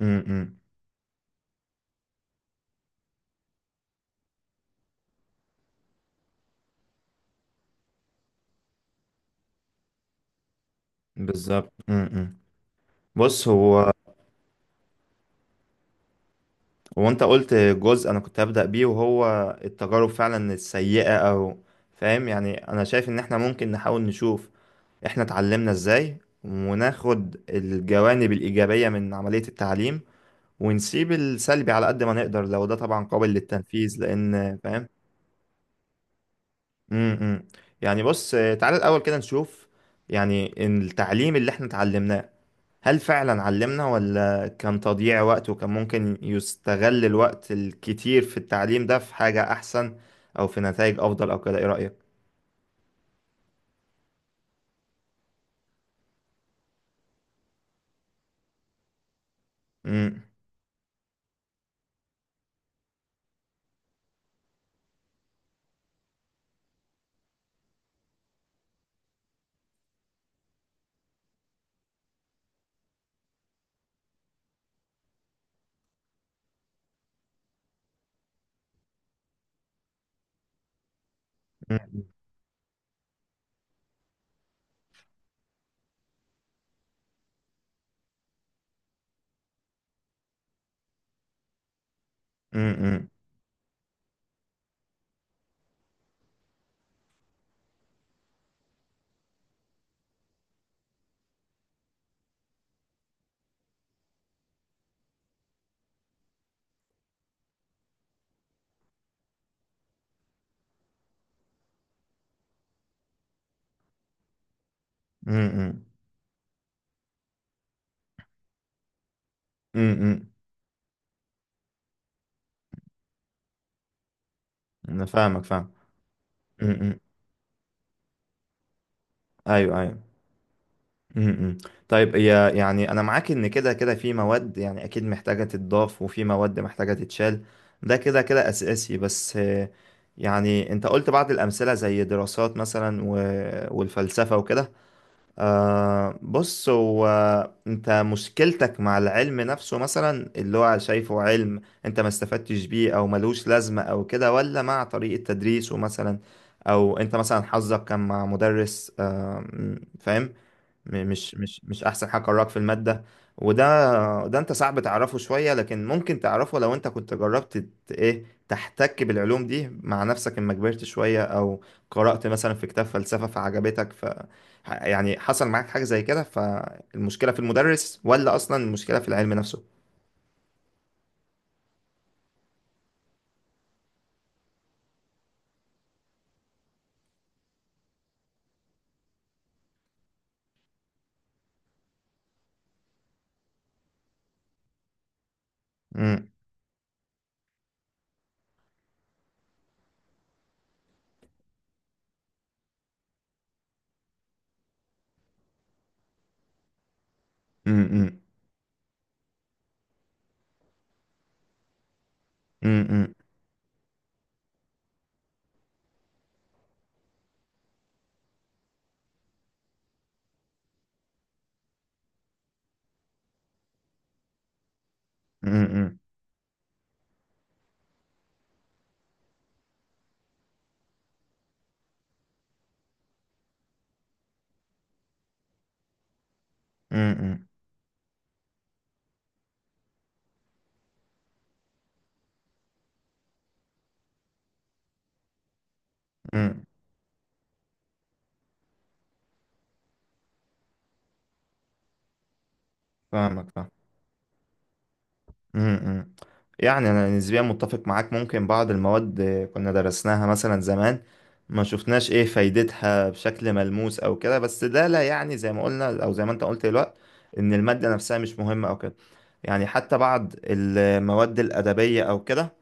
امم امم، بالظبط. بص، هو انت قلت جزء انا كنت هبدأ بيه، وهو التجارب فعلا السيئة او فاهم. يعني انا شايف ان احنا ممكن نحاول نشوف احنا اتعلمنا ازاي، وناخد الجوانب الإيجابية من عملية التعليم، ونسيب السلبي على قد ما نقدر لو ده طبعا قابل للتنفيذ، لان فاهم. امم امم. يعني بص، تعالى الاول كده نشوف، يعني التعليم اللي احنا اتعلمناه، هل فعلا علمنا ولا كان تضييع وقت، وكان ممكن يستغل الوقت الكتير في التعليم ده في حاجة أحسن أو في نتائج أفضل أو كده؟ إيه رأيك؟ مم، مم، مم، مم، مم، مم. أنا فاهمك فاهم. مم، مم. أيوه أيوه. مم، مم. طيب، هي يعني أنا معاك إن كده كده في مواد يعني أكيد محتاجة تتضاف، وفي مواد محتاجة تتشال. ده كده كده أساسي، بس يعني أنت قلت بعض الأمثلة زي دراسات مثلا، والفلسفة وكده. بص هو، انت مشكلتك مع العلم نفسه مثلا اللي هو شايفه علم انت ما استفدتش بيه او ملوش لازمة او كده، ولا مع طريقة تدريسه مثلا؟ او انت مثلا حظك كان مع مدرس فاهم، مش احسن حاجه قراك في الماده. وده ده انت صعب تعرفه شويه، لكن ممكن تعرفه لو انت كنت جربت ايه، تحتك بالعلوم دي مع نفسك اما كبرت شويه، او قرات مثلا في كتاب فلسفه فعجبتك يعني حصل معاك حاجه زي كده، فالمشكله في المدرس ولا اصلا المشكله في العلم نفسه؟ امم امم امم امم امم امم امم فاهمك فاهمك. امم يعني انا نسبيا متفق معاك، ممكن بعض المواد كنا درسناها مثلا زمان، ما شفناش ايه فايدتها بشكل ملموس او كده، بس ده لا يعني زي ما قلنا او زي ما انت قلت دلوقتي ان المادة نفسها مش مهمة او كده. يعني حتى بعض المواد الأدبية او كده،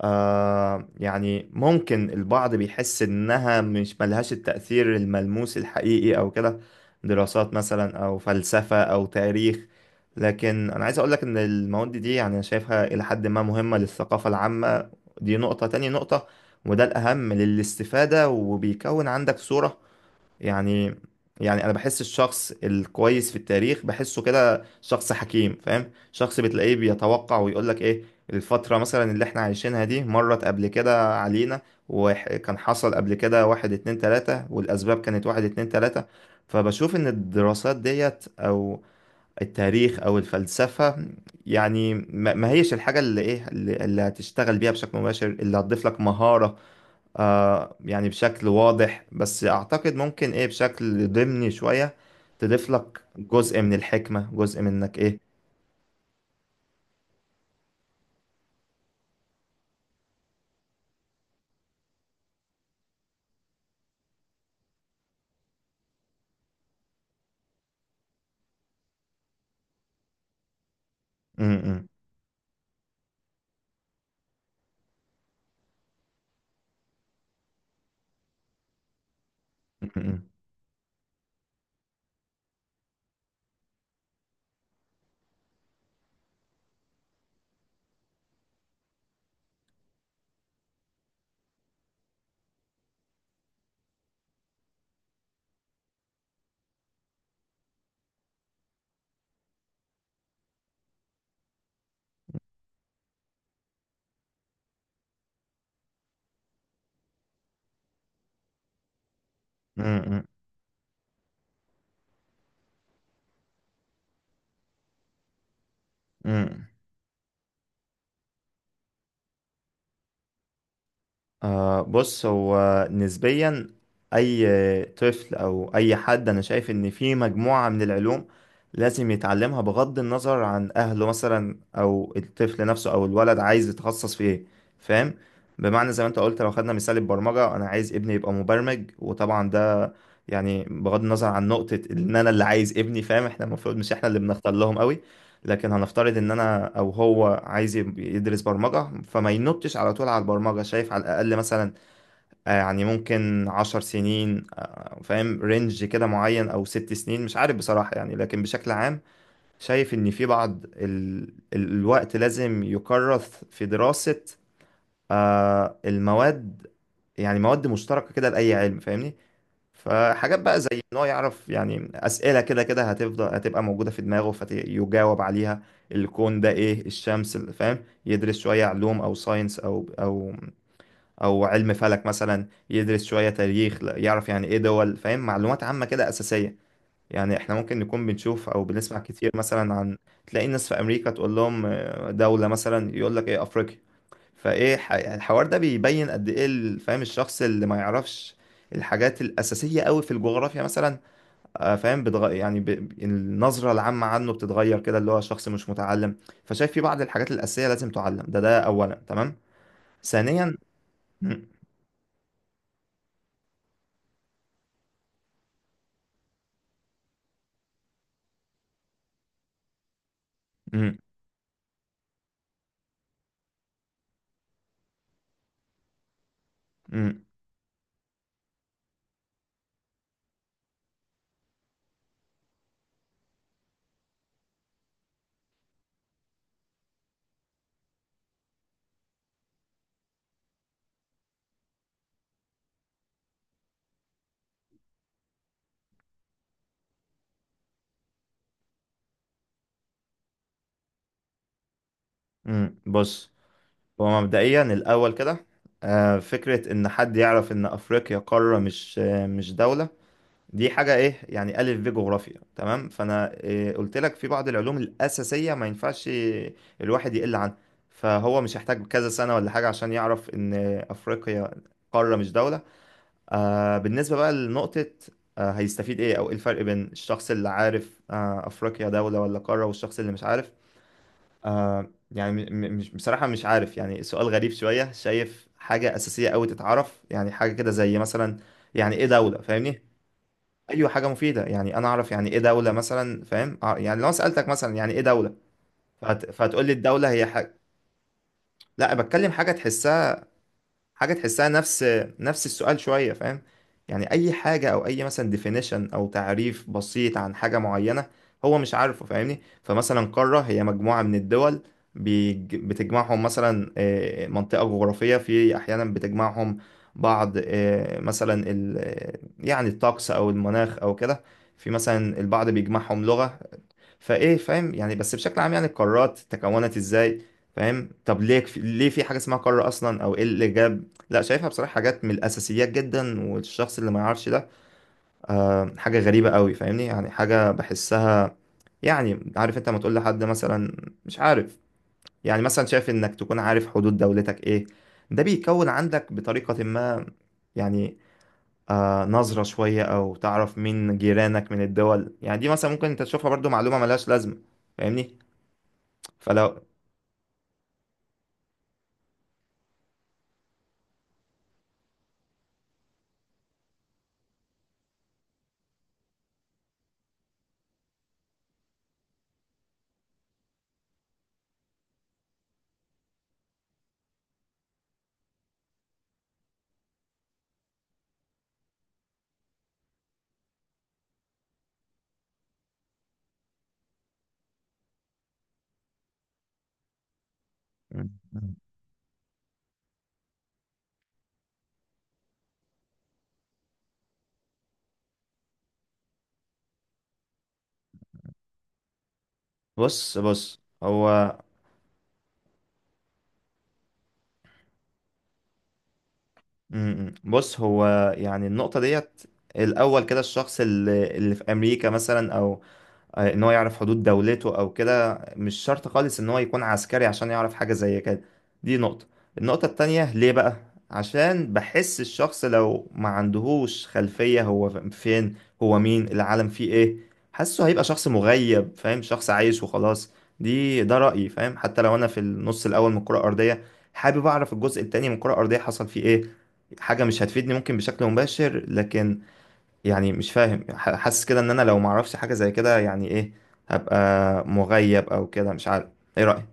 يعني ممكن البعض بيحس إنها مش ملهاش التأثير الملموس الحقيقي أو كده، دراسات مثلا أو فلسفة أو تاريخ. لكن أنا عايز أقولك إن المواد دي يعني أنا شايفها إلى حد ما مهمة للثقافة العامة. دي نقطة، تاني نقطة وده الأهم للاستفادة، وبيكون عندك صورة. يعني، يعني انا بحس الشخص الكويس في التاريخ بحسه كده شخص حكيم فاهم، شخص بتلاقيه بيتوقع ويقول لك ايه الفترة مثلا اللي احنا عايشينها دي، مرت قبل كده علينا، وكان حصل قبل كده واحد اتنين تلاتة، والاسباب كانت واحد اتنين تلاتة. فبشوف ان الدراسات ديت او التاريخ او الفلسفة، يعني ما هيش الحاجة اللي ايه اللي اللي هتشتغل بيها بشكل مباشر، اللي هتضيف لك مهارة يعني بشكل واضح، بس اعتقد ممكن ايه بشكل ضمني شوية تضيف لك جزء من الحكمة، جزء منك ايه. م- م- م- م- م- م- م- بص، هو نسبيا أي طفل أو أي حد، أنا شايف إن في مجموعة من العلوم لازم يتعلمها بغض النظر عن أهله مثلا أو الطفل نفسه أو الولد عايز يتخصص في إيه، فاهم. بمعنى زي ما أنت قلت، لو خدنا مثال البرمجة، أنا عايز ابني يبقى مبرمج، وطبعا ده يعني بغض النظر عن نقطة إن أنا اللي عايز ابني، فاهم، إحنا المفروض مش إحنا اللي بنختار لهم. لكن هنفترض ان انا او هو عايز يدرس برمجة، فما ينطش على طول على البرمجة. شايف على الاقل مثلا يعني ممكن 10 سنين، فاهم رينج كده معين، او 6 سنين، مش عارف بصراحة. يعني لكن بشكل عام، شايف ان في بعض الوقت لازم يكرس في دراسة المواد، يعني مواد مشتركة كده لأي علم فاهمني. فحاجات بقى زي ان هو يعرف، يعني اسئله كده كده هتفضل هتبقى موجوده في دماغه فيجاوب عليها: الكون ده ايه، الشمس فاهم، يدرس شويه علوم او ساينس او او علم فلك مثلا، يدرس شويه تاريخ يعرف يعني ايه دول، فاهم، معلومات عامه كده اساسيه. يعني احنا ممكن نكون بنشوف او بنسمع كتير مثلا عن تلاقي الناس في امريكا تقول لهم دوله مثلا، يقول لك ايه افريقيا. فايه يعني الحوار ده بيبين قد ايه فاهم الشخص اللي ما يعرفش الحاجات الاساسيه قوي في الجغرافيا مثلا، فاهم النظره العامه عنه بتتغير كده، اللي هو شخص مش متعلم. فشايف في بعض الحاجات الاساسيه لازم تعلم، ده ده اولا، تمام. ثانيا، مم، مم، مم، بص، هو مبدئيا الاول كده فكره ان حد يعرف ان افريقيا قاره مش مش دوله، دي حاجة ايه يعني، ألف ب جغرافيا، تمام. فأنا إيه قلت لك في بعض العلوم الأساسية ما ينفعش الواحد يقل عنها. فهو مش هيحتاج كذا سنة ولا حاجة عشان يعرف إن أفريقيا قارة مش دولة. بالنسبة بقى لنقطة هيستفيد ايه، أو ايه الفرق بين الشخص اللي عارف أفريقيا دولة ولا قارة، والشخص اللي مش عارف، يعني مش بصراحة، مش عارف. يعني سؤال غريب شوية، شايف حاجة أساسية أوي تتعرف يعني، حاجة كده زي مثلا يعني ايه دولة فاهمني. ايوه، حاجه مفيده، يعني انا اعرف يعني ايه دوله مثلا، فاهم يعني لو سالتك مثلا يعني ايه دوله، فهتقول لي الدوله هي حاجه، لا، بتكلم حاجه تحسها، حاجة تحسها. نفس السؤال شوية فاهم، يعني أي حاجة أو أي مثلا definition أو تعريف بسيط عن حاجة معينة هو مش عارفه فاهمني. فمثلا قارة هي مجموعة من الدول بتجمعهم مثلا منطقة جغرافية، في أحيانا بتجمعهم بعض مثلا يعني الطقس أو المناخ أو كده، في مثلا البعض بيجمعهم لغة. فايه، فاهم، يعني بس بشكل عام يعني القارات تكونت ازاي، فاهم، طب ليه ليه في حاجه اسمها قاره اصلا، او ايه اللي جاب. لا، شايفها بصراحه حاجات من الاساسيات جدا، والشخص اللي ما يعرفش ده حاجه غريبه قوي فاهمني، يعني حاجه بحسها. يعني عارف انت لما تقول لحد مثلا مش عارف، يعني مثلا شايف انك تكون عارف حدود دولتك ايه، ده بيكون عندك بطريقه ما، يعني نظرة شوية، أو تعرف مين جيرانك من الدول، يعني دي مثلا ممكن أنت تشوفها برضو معلومة ملهاش لازمة فاهمني. فلو، مم. مم. بص، هو مم. بص هو، يعني النقطة ديت الأول كده، الشخص اللي في أمريكا مثلا أو ان هو يعرف حدود دولته او كده، مش شرط خالص ان هو يكون عسكري عشان يعرف حاجة زي كده، دي نقطة. النقطة التانية ليه بقى، عشان بحس الشخص لو ما عندهوش خلفية هو فين، هو مين، العالم فيه ايه، حاسه هيبقى شخص مغيب فاهم، شخص عايش وخلاص. دي ده رأيي، فاهم. حتى لو انا في النص الاول من الكرة الارضية، حابب اعرف الجزء التاني من الكرة الارضية حصل فيه ايه. حاجة مش هتفيدني ممكن بشكل مباشر، لكن يعني مش فاهم حاسس كده ان انا لو معرفش حاجة زي كده، يعني ايه هبقى مغيب او كده، مش عارف. ايه رأيك؟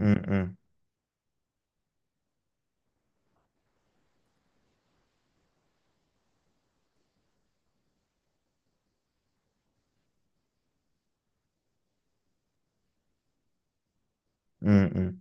إمم، إمم، إمم.